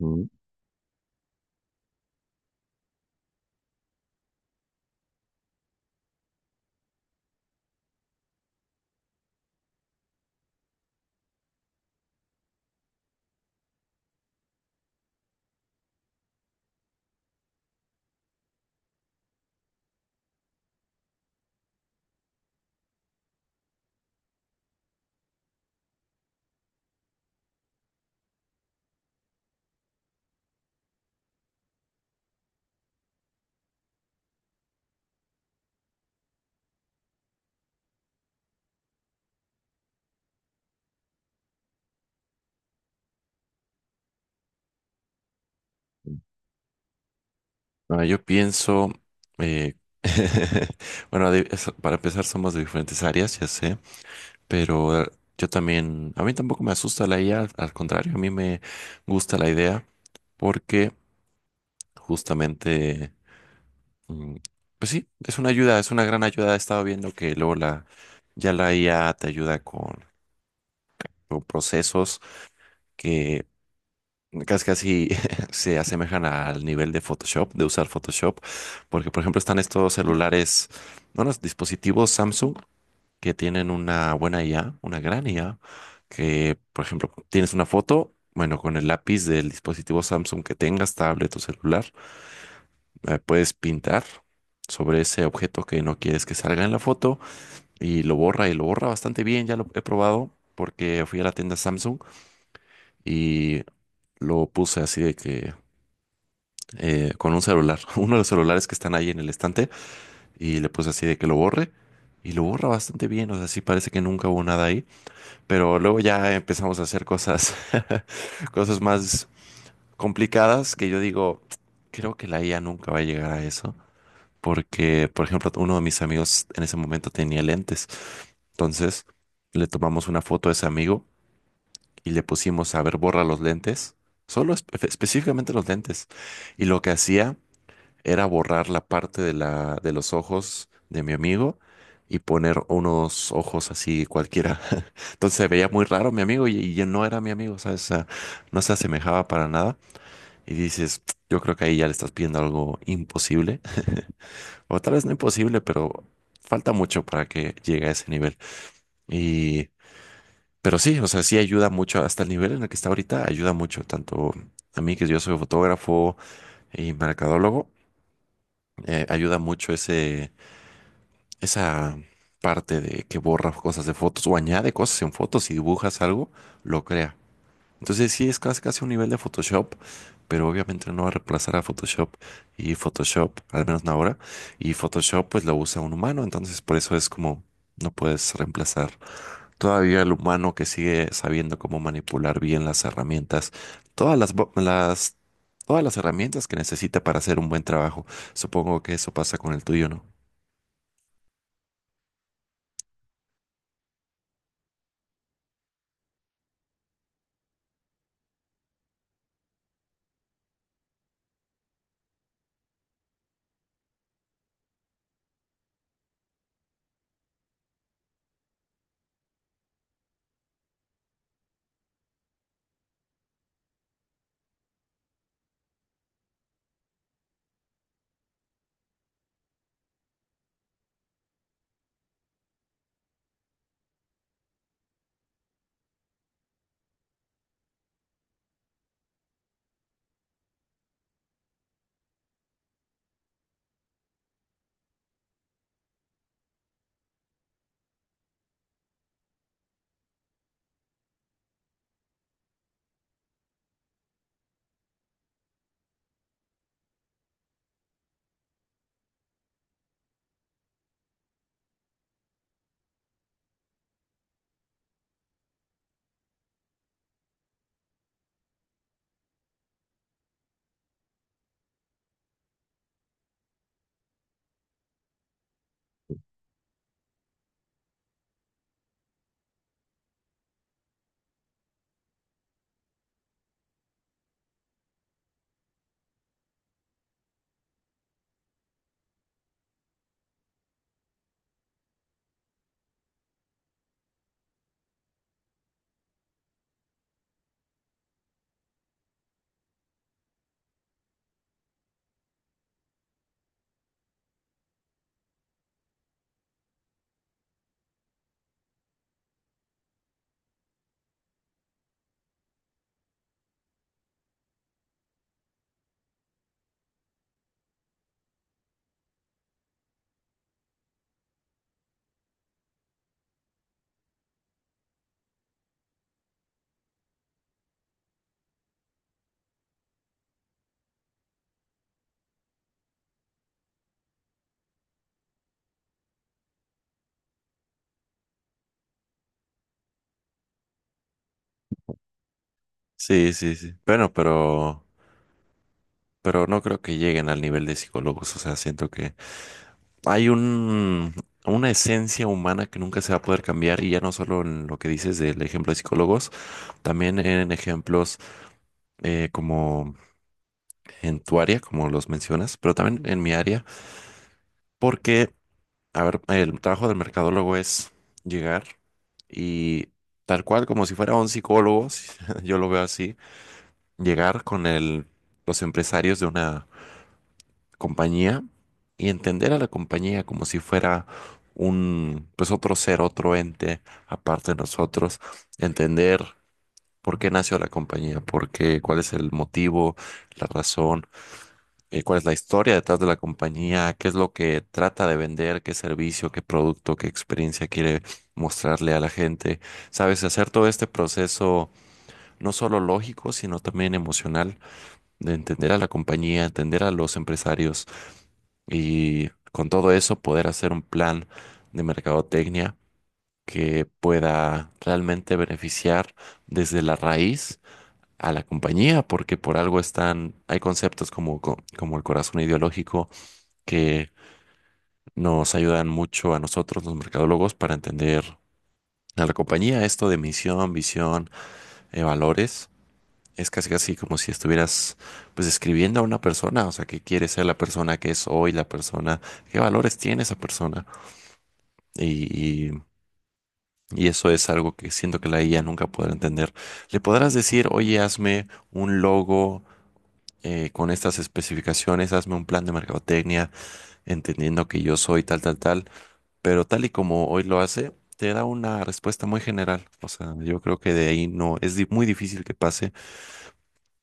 Mm. Bueno, yo pienso, eh, bueno, para empezar somos de diferentes áreas, ya sé, pero yo también, a mí tampoco me asusta la IA, al contrario, a mí me gusta la idea porque justamente, mm, pues sí, es una ayuda, es una gran ayuda. He estado viendo que ya la IA te ayuda con procesos que casi, casi se asemejan al nivel de Photoshop, de usar Photoshop, porque por ejemplo están estos celulares, unos dispositivos Samsung que tienen una buena IA, una gran IA, que por ejemplo tienes una foto, bueno, con el lápiz del dispositivo Samsung que tengas, tablet o celular, puedes pintar sobre ese objeto que no quieres que salga en la foto y lo borra bastante bien, ya lo he probado porque fui a la tienda Samsung y lo puse así de que con un celular, uno de los celulares que están ahí en el estante, y le puse así de que lo borre, y lo borra bastante bien, o sea, sí parece que nunca hubo nada ahí, pero luego ya empezamos a hacer cosas, cosas más complicadas que yo digo, creo que la IA nunca va a llegar a eso, porque, por ejemplo, uno de mis amigos en ese momento tenía lentes, entonces le tomamos una foto a ese amigo y le pusimos a ver, borra los lentes. Solo específicamente los lentes. Y lo que hacía era borrar la parte de de los ojos de mi amigo y poner unos ojos así cualquiera. Entonces se veía muy raro mi amigo y ya no era mi amigo, ¿sabes? O sea, no se asemejaba para nada. Y dices, yo creo que ahí ya le estás pidiendo algo imposible, o tal vez no imposible, pero falta mucho para que llegue a ese nivel. Y, pero sí, o sea, sí ayuda mucho, hasta el nivel en el que está ahorita, ayuda mucho, tanto a mí que yo soy fotógrafo y mercadólogo, ayuda mucho ese esa parte de que borra cosas de fotos o añade cosas en fotos y dibujas algo, lo crea. Entonces sí es casi casi un nivel de Photoshop, pero obviamente no va a reemplazar a Photoshop y Photoshop, al menos no ahora, y Photoshop pues lo usa un humano, entonces por eso es como no puedes reemplazar todavía el humano que sigue sabiendo cómo manipular bien las herramientas, las todas las herramientas que necesita para hacer un buen trabajo. Supongo que eso pasa con el tuyo, ¿no? Sí, sí, sí. Bueno, pero no creo que lleguen al nivel de psicólogos. O sea, siento que hay una esencia humana que nunca se va a poder cambiar y ya no solo en lo que dices del ejemplo de psicólogos, también en ejemplos como en tu área, como los mencionas, pero también en mi área, porque, a ver, el trabajo del mercadólogo es llegar y tal cual como si fuera un psicólogo, yo lo veo así, llegar con los empresarios de una compañía y entender a la compañía como si fuera un, pues otro ser, otro ente aparte de nosotros, entender por qué nació la compañía, por qué, cuál es el motivo, la razón, cuál es la historia detrás de la compañía, qué es lo que trata de vender, qué servicio, qué producto, qué experiencia quiere mostrarle a la gente. Sabes, hacer todo este proceso no solo lógico, sino también emocional de entender a la compañía, entender a los empresarios y con todo eso poder hacer un plan de mercadotecnia que pueda realmente beneficiar desde la raíz a la compañía, porque por algo están, hay conceptos como el corazón ideológico que nos ayudan mucho a nosotros los mercadólogos para entender a la compañía esto de misión, visión, valores. Es casi casi como si estuvieras pues escribiendo a una persona, o sea, qué quiere ser la persona que es hoy, la persona, qué valores tiene esa persona. Y, y- y eso es algo que siento que la IA nunca podrá entender. Le podrás decir, oye, hazme un logo con estas especificaciones, hazme un plan de mercadotecnia, entendiendo que yo soy tal, tal, tal, pero tal y como hoy lo hace, te da una respuesta muy general. O sea, yo creo que de ahí no, es muy difícil que pase,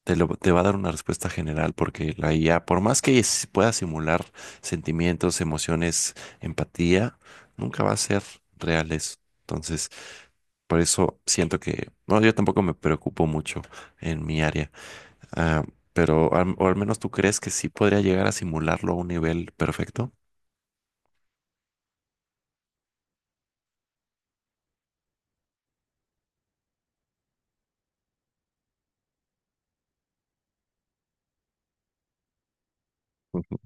te va a dar una respuesta general, porque la IA, por más que pueda simular sentimientos, emociones, empatía, nunca va a ser reales. Entonces... Por eso siento que, no, yo tampoco me preocupo mucho en mi área. Ah, pero al, o al menos tú crees que sí podría llegar a simularlo a un nivel perfecto. Ujú.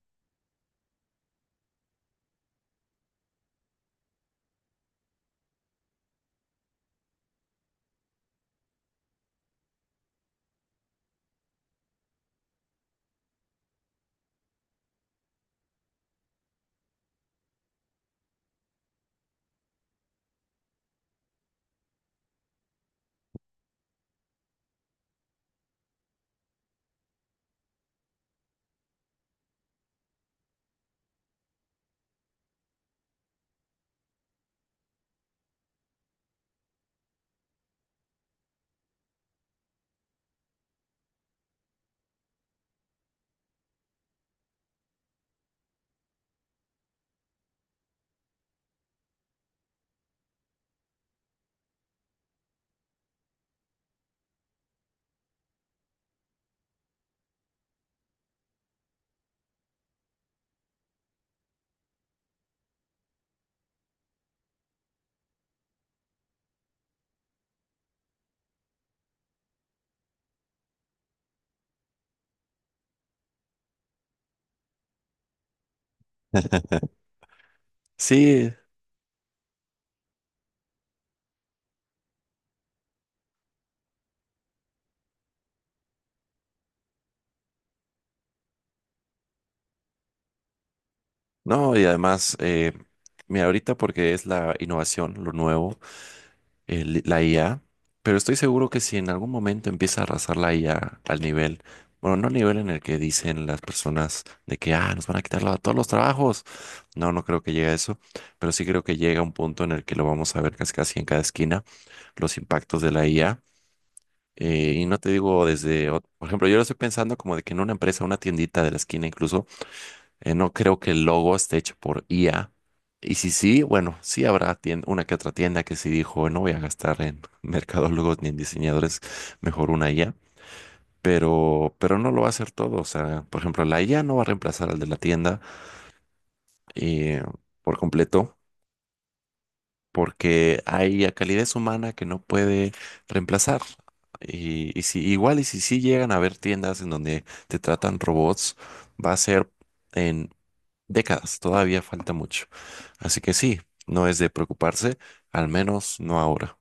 Sí, no, y además, mira, ahorita porque es la innovación, lo nuevo, la IA, pero estoy seguro que si en algún momento empieza a arrasar la IA al nivel, bueno, no al nivel en el que dicen las personas de que, ah, nos van a quitar todos los trabajos. No, no creo que llegue a eso, pero sí creo que llega un punto en el que lo vamos a ver casi casi en cada esquina, los impactos de la IA. Y no te digo desde, por ejemplo, yo lo estoy pensando como de que en una empresa, una tiendita de la esquina incluso, no creo que el logo esté hecho por IA. Y si sí, bueno, sí habrá una que otra tienda que sí dijo, no voy a gastar en mercadólogos ni en diseñadores, mejor una IA. Pero no lo va a hacer todo. O sea, por ejemplo, la IA no va a reemplazar al de la tienda eh, por completo, porque hay a calidez humana que no puede reemplazar. Y si igual, y si sí llegan a haber tiendas en donde te tratan robots, va a ser en décadas, todavía falta mucho. Así que sí, no es de preocuparse, al menos no ahora.